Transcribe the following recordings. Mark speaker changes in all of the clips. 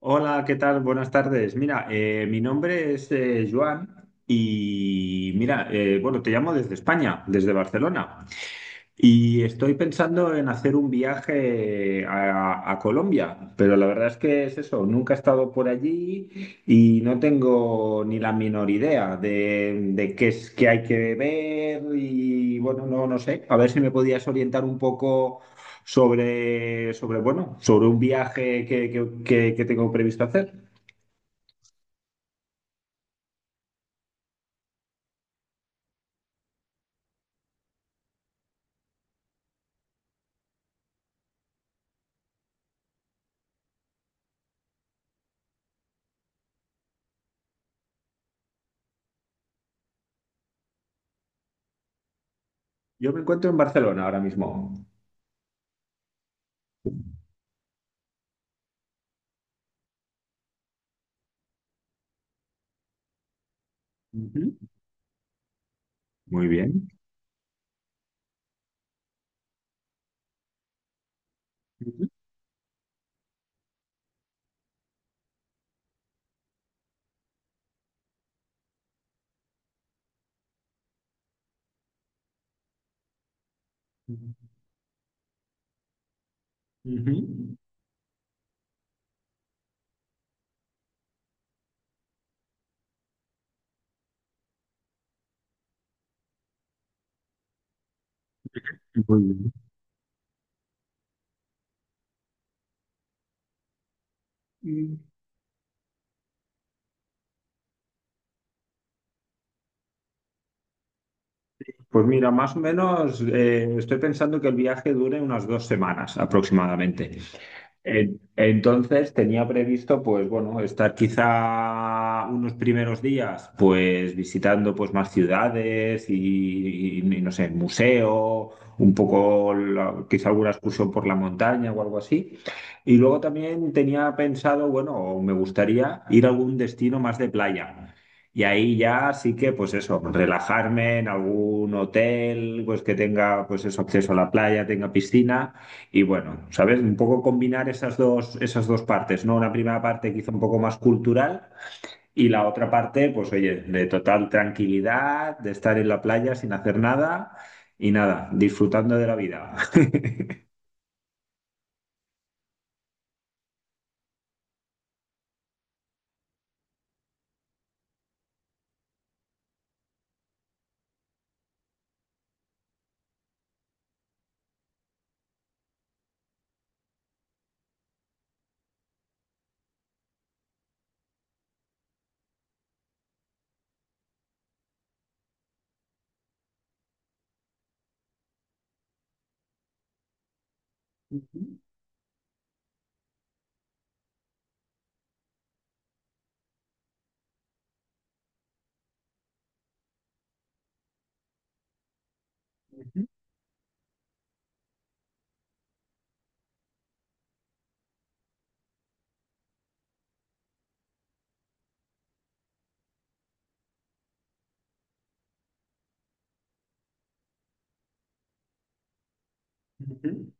Speaker 1: Hola, ¿qué tal? Buenas tardes. Mira, mi nombre es Joan y mira, bueno, te llamo desde España, desde Barcelona. Y estoy pensando en hacer un viaje a Colombia, pero la verdad es que es eso, nunca he estado por allí y no tengo ni la menor idea de qué es que hay que ver y bueno, no sé, a ver si me podías orientar un poco sobre bueno, sobre un viaje que tengo previsto hacer. Yo me encuentro en Barcelona ahora mismo. Ujú, muy bien. Ujú, ujú, muy bien. Pues mira, más o menos estoy pensando que el viaje dure unas dos semanas aproximadamente. Entonces tenía previsto, pues bueno, estar quizá unos primeros días, pues visitando pues más ciudades y, y no sé, museo, un poco quizá alguna excursión por la montaña o algo así. Y luego también tenía pensado, bueno, me gustaría ir a algún destino más de playa. Y ahí ya sí que, pues eso, relajarme en algún hotel, pues que tenga, pues eso, acceso a la playa, tenga piscina y bueno, ¿sabes? Un poco combinar esas dos partes, ¿no? Una primera parte quizá un poco más cultural y la otra parte, pues oye, de total tranquilidad, de estar en la playa sin hacer nada y nada, disfrutando de la vida. Ujú, ujú, ujú.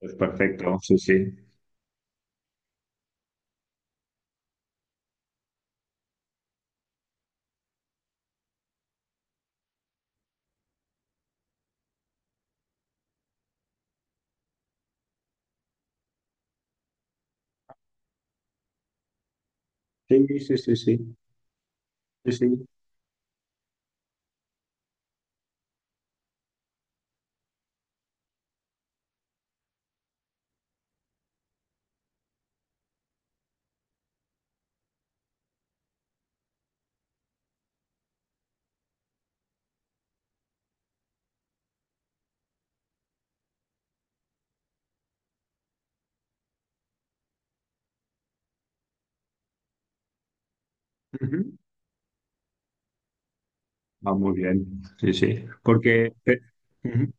Speaker 1: Pues perfecto, sí, sí. Sí, sí, sí, sí, sí, sí. Ujú. Ah, muy bien, sí, sí. Porque, ujú.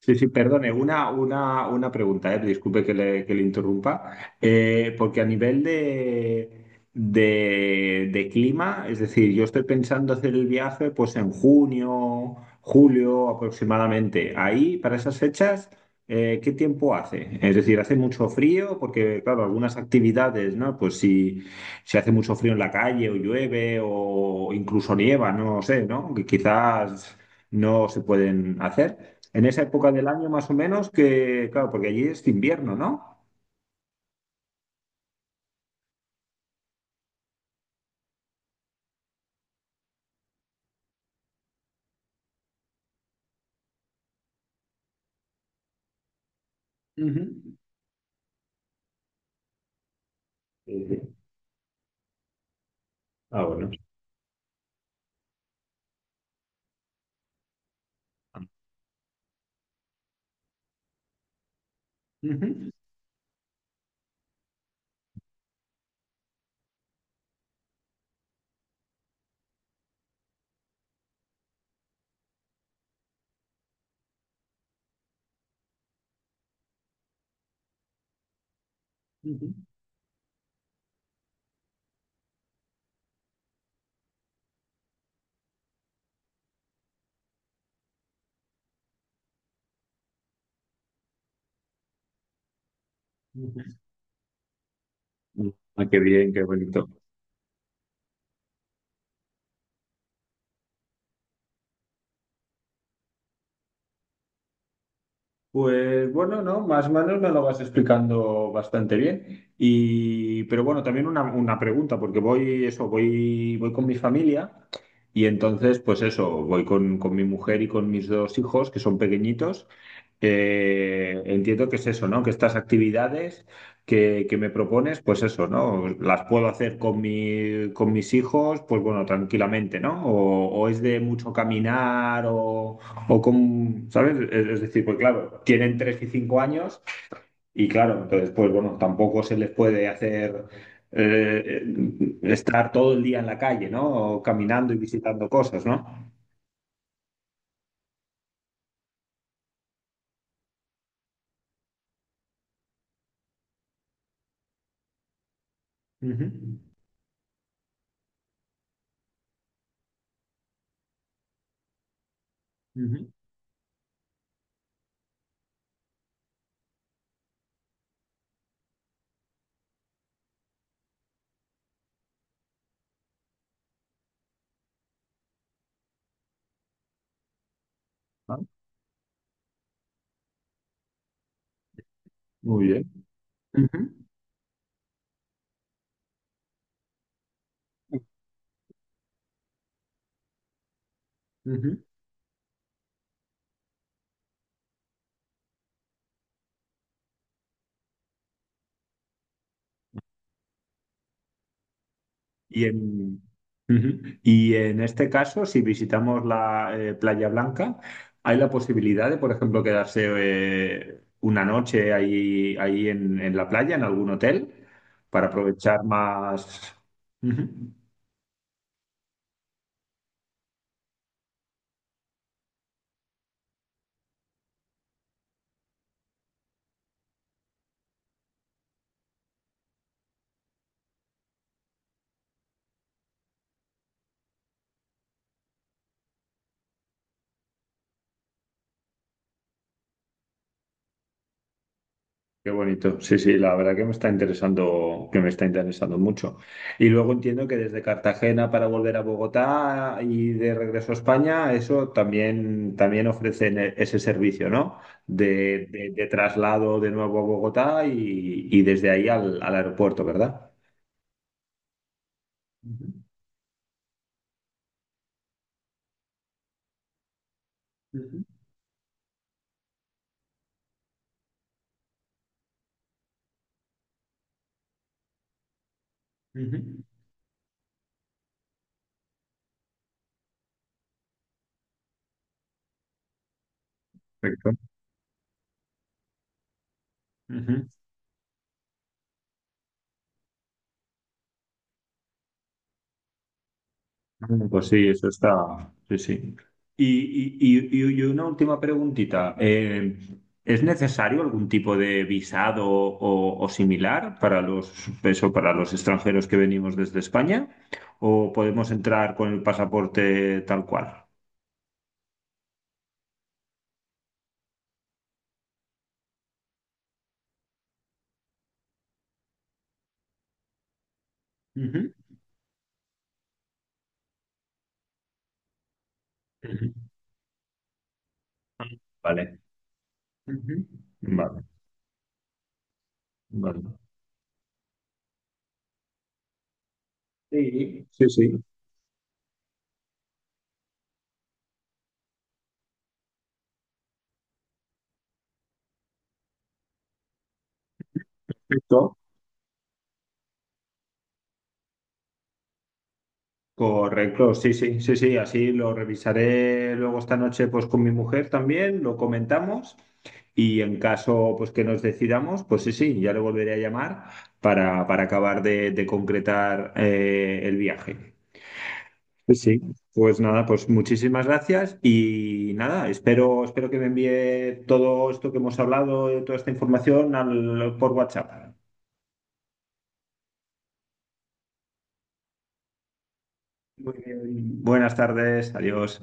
Speaker 1: Sí, sí, perdone, una pregunta, disculpe que que le interrumpa. Porque a nivel de clima, es decir, yo estoy pensando hacer el viaje pues en junio, julio aproximadamente. Ahí, para esas fechas, ¿qué tiempo hace? Es decir, ¿hace mucho frío? Porque, claro, algunas actividades, ¿no? Pues si, si hace mucho frío en la calle o llueve o incluso nieva, no sé, ¿no? Que quizás no se pueden hacer. En esa época del año más o menos que, claro, porque allí es invierno, ¿no? Ujú, sí, sí. Ah, bueno. Ujú, ujú, ujú. Ah, qué bien, qué bonito. Pues bueno, no, más o menos me lo vas explicando bastante bien. Y, pero bueno, también una pregunta, porque voy, eso, voy con mi familia y entonces, pues eso, voy con mi mujer y con mis dos hijos, que son pequeñitos. Entiendo que es eso, ¿no? Que estas actividades que me propones, pues eso, ¿no? Las puedo hacer con mi, con mis hijos, pues bueno, tranquilamente, ¿no? O es de mucho caminar o... O con, ¿sabes? Es decir, pues claro, tienen 3 y 5 años y claro, entonces pues bueno, tampoco se les puede hacer eh, estar todo el día en la calle, ¿no? O caminando y visitando cosas, ¿no? Ujú, ujú. Ah, muy bien. Ujú, ujú. Y en, Ujú. Y en este caso, si visitamos la Playa Blanca, hay la posibilidad de, por ejemplo, quedarse una noche ahí, ahí en la playa, en algún hotel, para aprovechar más. Ujú. Qué bonito. Sí, sí, la verdad que me está interesando, que me está interesando mucho. Y luego entiendo que desde Cartagena para volver a Bogotá y de regreso a España, eso también, también ofrecen ese servicio, ¿no? De, de traslado de nuevo a Bogotá y desde ahí al, al aeropuerto, ¿verdad? Ujú, ujú, ujú. Perfecto. Ujú. Mm, pues sí, eso está. Sí, sí. Y, y- una última preguntita. ¿Es necesario algún tipo de visado o similar para los, eso, para los extranjeros que venimos desde España? ¿O podemos entrar con el pasaporte tal cual? Ujú, ujú. Vale. Ujú. Vale, vale. Sí, sí, sí. Perfecto. Correcto, sí, sí, sí, sí, así lo revisaré luego esta noche pues con mi mujer también, lo comentamos y en caso pues que nos decidamos, pues sí, sí, ya le volveré a llamar para acabar de concretar el viaje. Sí, sí, pues nada, pues muchísimas gracias y nada, espero, espero que me envíe todo esto que hemos hablado, toda esta información por WhatsApp. Muy bien, buenas tardes, adiós.